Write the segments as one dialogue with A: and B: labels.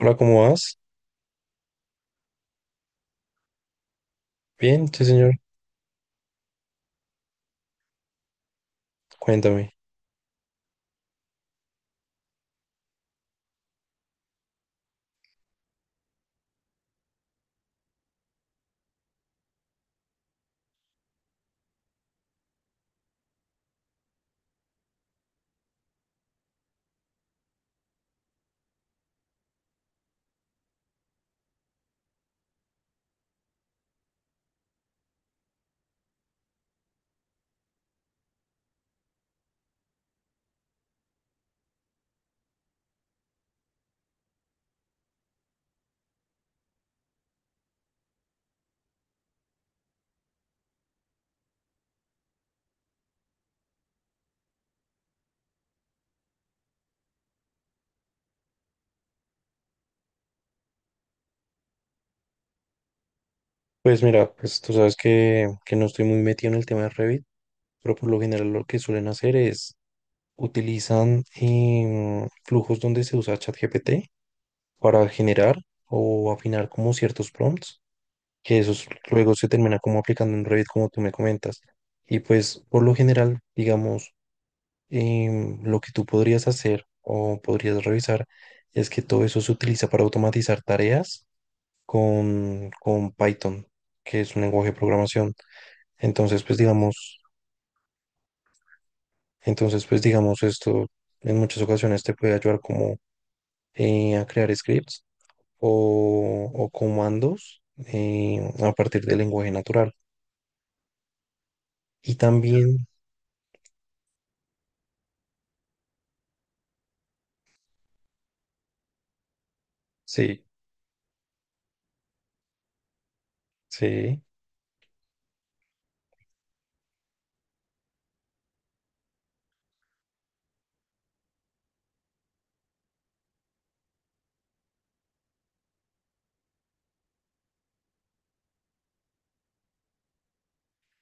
A: Hola, ¿cómo vas? Bien, sí, señor. Cuéntame. Pues mira, pues tú sabes que no estoy muy metido en el tema de Revit, pero por lo general lo que suelen hacer es utilizan flujos donde se usa ChatGPT para generar o afinar como ciertos prompts, que esos luego se termina como aplicando en Revit, como tú me comentas. Y pues por lo general, digamos, lo que tú podrías hacer o podrías revisar es que todo eso se utiliza para automatizar tareas con Python, que es un lenguaje de programación. Entonces, pues digamos, entonces, pues digamos, esto en muchas ocasiones te puede ayudar como a crear scripts o comandos a partir del lenguaje natural. Y también, sí, sí,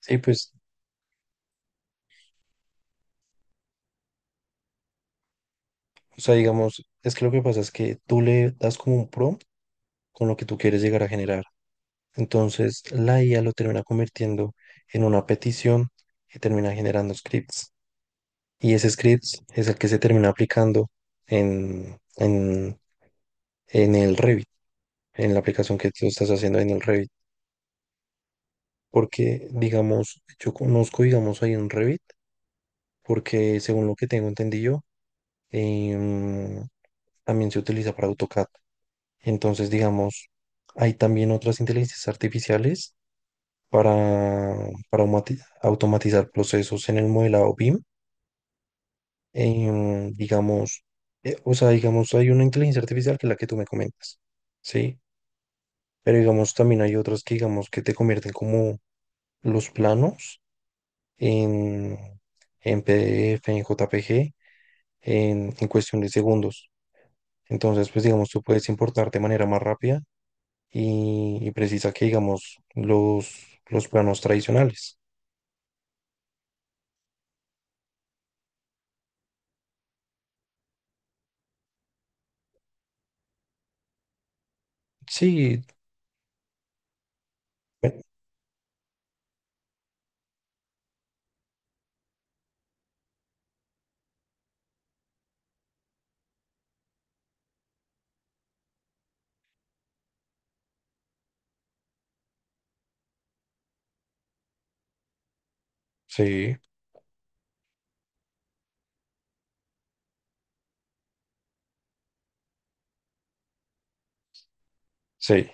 A: sí, pues, o sea, digamos, es que lo que pasa es que tú le das como un prompt con lo que tú quieres llegar a generar. Entonces, la IA lo termina convirtiendo en una petición que termina generando scripts. Y ese script es el que se termina aplicando en, en, en el Revit, en la aplicación que tú estás haciendo en el Revit. Porque, digamos, yo conozco, digamos, ahí en Revit, porque según lo que tengo entendido, em, también se utiliza para AutoCAD. Entonces, digamos, hay también otras inteligencias artificiales para, para automatizar procesos en el modelado BIM digamos, o sea, digamos, hay una inteligencia artificial que es la que tú me comentas, ¿sí? Pero digamos, también hay otras que, digamos, que te convierten como los planos en, en PDF, en JPG, en cuestión de segundos. Entonces, pues, digamos, tú puedes importar de manera más rápida y precisa que, digamos, los planos tradicionales. Sí, bueno, sí, sí,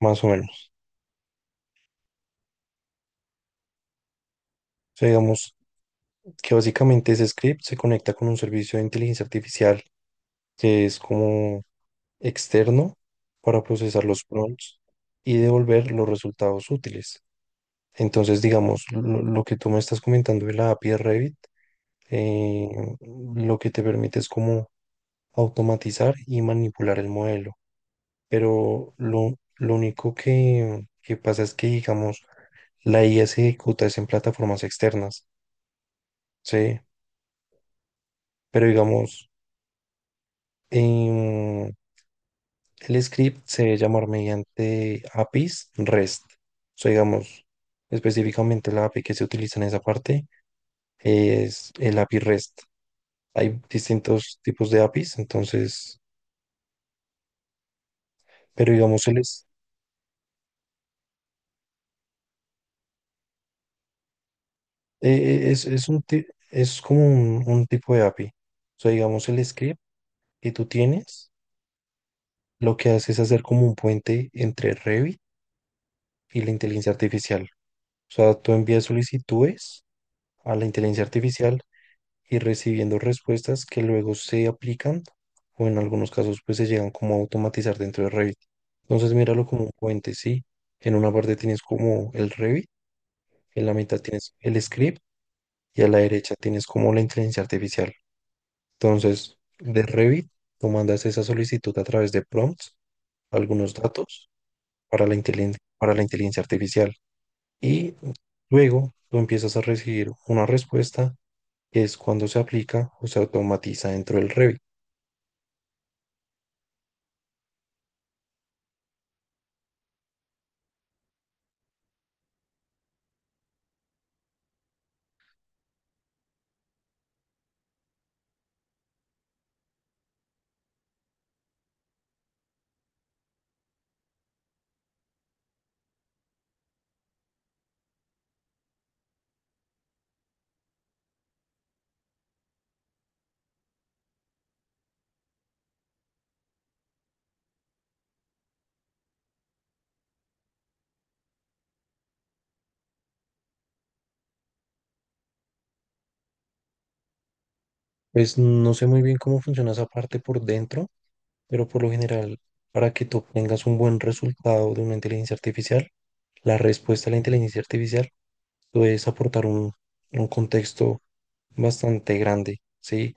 A: más o menos. O sea, digamos, que básicamente ese script se conecta con un servicio de inteligencia artificial que es como externo para procesar los prompts y devolver los resultados útiles. Entonces, digamos, lo que tú me estás comentando de la API de Revit, eh, lo que te permite es como automatizar y manipular el modelo. Pero lo único que pasa es que, digamos, la IA se ejecuta es en plataformas externas, ¿sí? Pero digamos, em, el script se debe llamar mediante APIs REST. O sea, digamos, específicamente la API que se utiliza en esa parte es el API REST. Hay distintos tipos de APIs, entonces, pero digamos, él es, es un, es como un tipo de API. O sea, digamos, el script que tú tienes, lo que hace es hacer como un puente entre Revit y la inteligencia artificial. O sea, tú envías solicitudes a la inteligencia artificial y recibiendo respuestas que luego se aplican o en algunos casos pues se llegan como a automatizar dentro de Revit. Entonces míralo como un puente, ¿sí? En una parte tienes como el Revit, en la mitad tienes el script y a la derecha tienes como la inteligencia artificial. Entonces, de Revit, tú mandas esa solicitud a través de prompts, algunos datos para para la inteligencia artificial y luego tú empiezas a recibir una respuesta que es cuando se aplica o se automatiza dentro del Revit. Pues no sé muy bien cómo funciona esa parte por dentro, pero por lo general, para que tú obtengas un buen resultado de una inteligencia artificial, la respuesta a la inteligencia artificial, tú debes aportar un contexto bastante grande, ¿sí?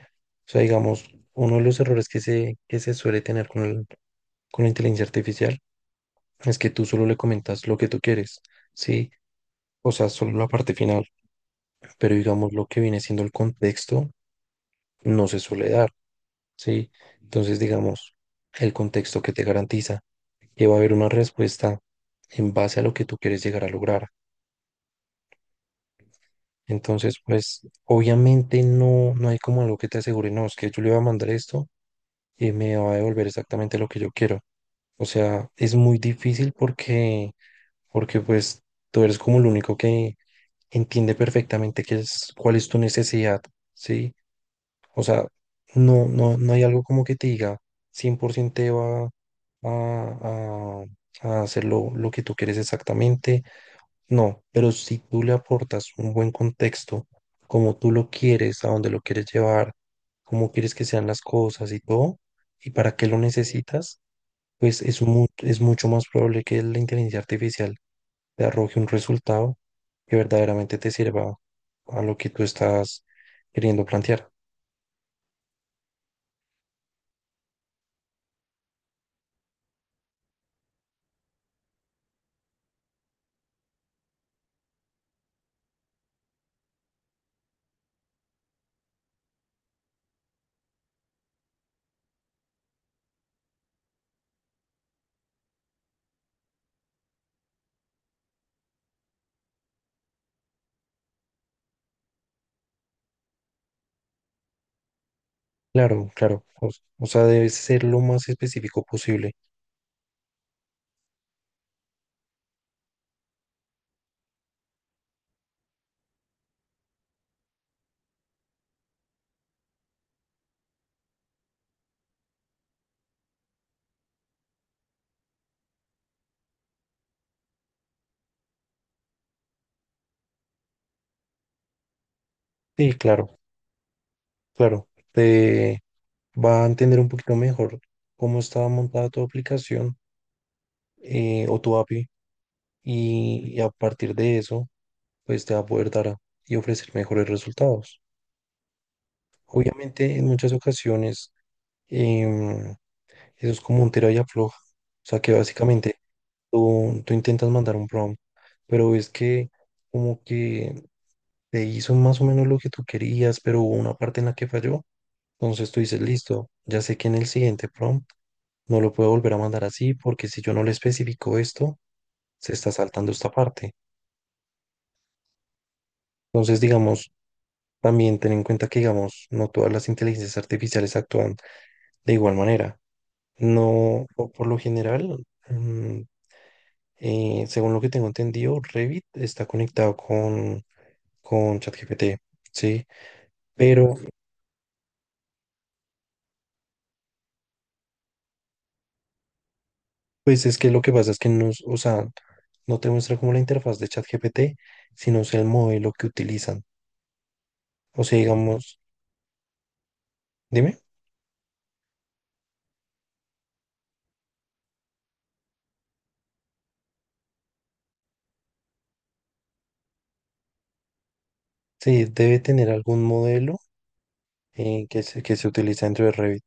A: O sea, digamos, uno de los errores que se suele tener con con la inteligencia artificial es que tú solo le comentas lo que tú quieres, ¿sí? O sea, solo la parte final, pero digamos lo que viene siendo el contexto no se suele dar. ¿Sí? Entonces, digamos, el contexto que te garantiza que va a haber una respuesta en base a lo que tú quieres llegar a lograr. Entonces, pues, obviamente no, no hay como algo que te asegure, no, es que yo le voy a mandar esto y me va a devolver exactamente lo que yo quiero. O sea, es muy difícil porque, porque pues, tú eres como el único que entiende perfectamente qué es, cuál es tu necesidad, ¿sí? O sea, no hay algo como que te diga 100% te va a, a, a hacer lo que tú quieres exactamente. No, pero si tú le aportas un buen contexto, como tú lo quieres, a dónde lo quieres llevar, cómo quieres que sean las cosas y todo, y para qué lo necesitas, pues es, es mucho más probable que la inteligencia artificial te arroje un resultado que verdaderamente te sirva a lo que tú estás queriendo plantear. Claro, claro. O sea, debe ser lo más específico posible. Sí, claro, claro. Te va a entender un poquito mejor cómo está montada tu aplicación o tu API y a partir de eso, pues te va a poder y ofrecer mejores resultados. Obviamente, en muchas ocasiones, em, eso es como un tira y afloja. O sea, que básicamente tú intentas mandar un prompt, pero es que como que te hizo más o menos lo que tú querías, pero hubo una parte en la que falló. Entonces tú dices, listo, ya sé que en el siguiente prompt no lo puedo volver a mandar así porque si yo no le especifico esto, se está saltando esta parte. Entonces, digamos, también ten en cuenta que, digamos, no todas las inteligencias artificiales actúan de igual manera. No, o por lo general, mm, según lo que tengo entendido, Revit está conectado con ChatGPT, ¿sí? Pero pues es que lo que pasa es que nos, o sea, no te muestra como la interfaz de ChatGPT, sino es el modelo que utilizan. O sea, digamos, dime, sí, debe tener algún modelo que se utiliza dentro de Revit.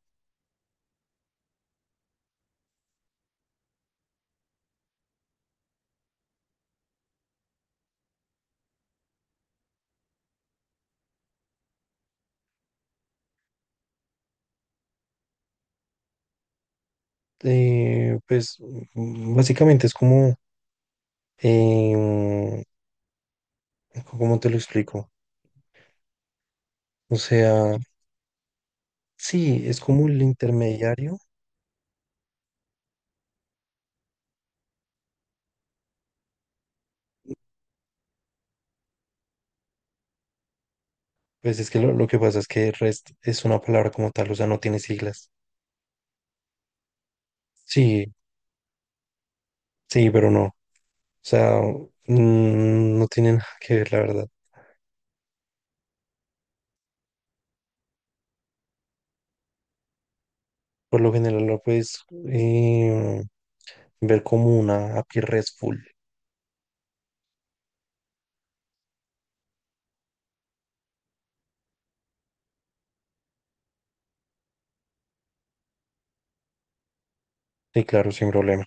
A: Pues básicamente es como, eh, ¿cómo te lo explico? O sea, sí, es como el intermediario. Pues es que lo que pasa es que REST es una palabra como tal, o sea, no tiene siglas. Sí, sí, pero no. Sea, no tiene nada que ver, la verdad. Por lo general lo puedes eh, ver como una API RESTful. Y claro, sin problema.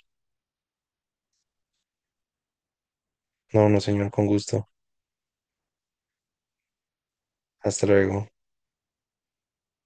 A: No, no, señor, con gusto. Hasta luego.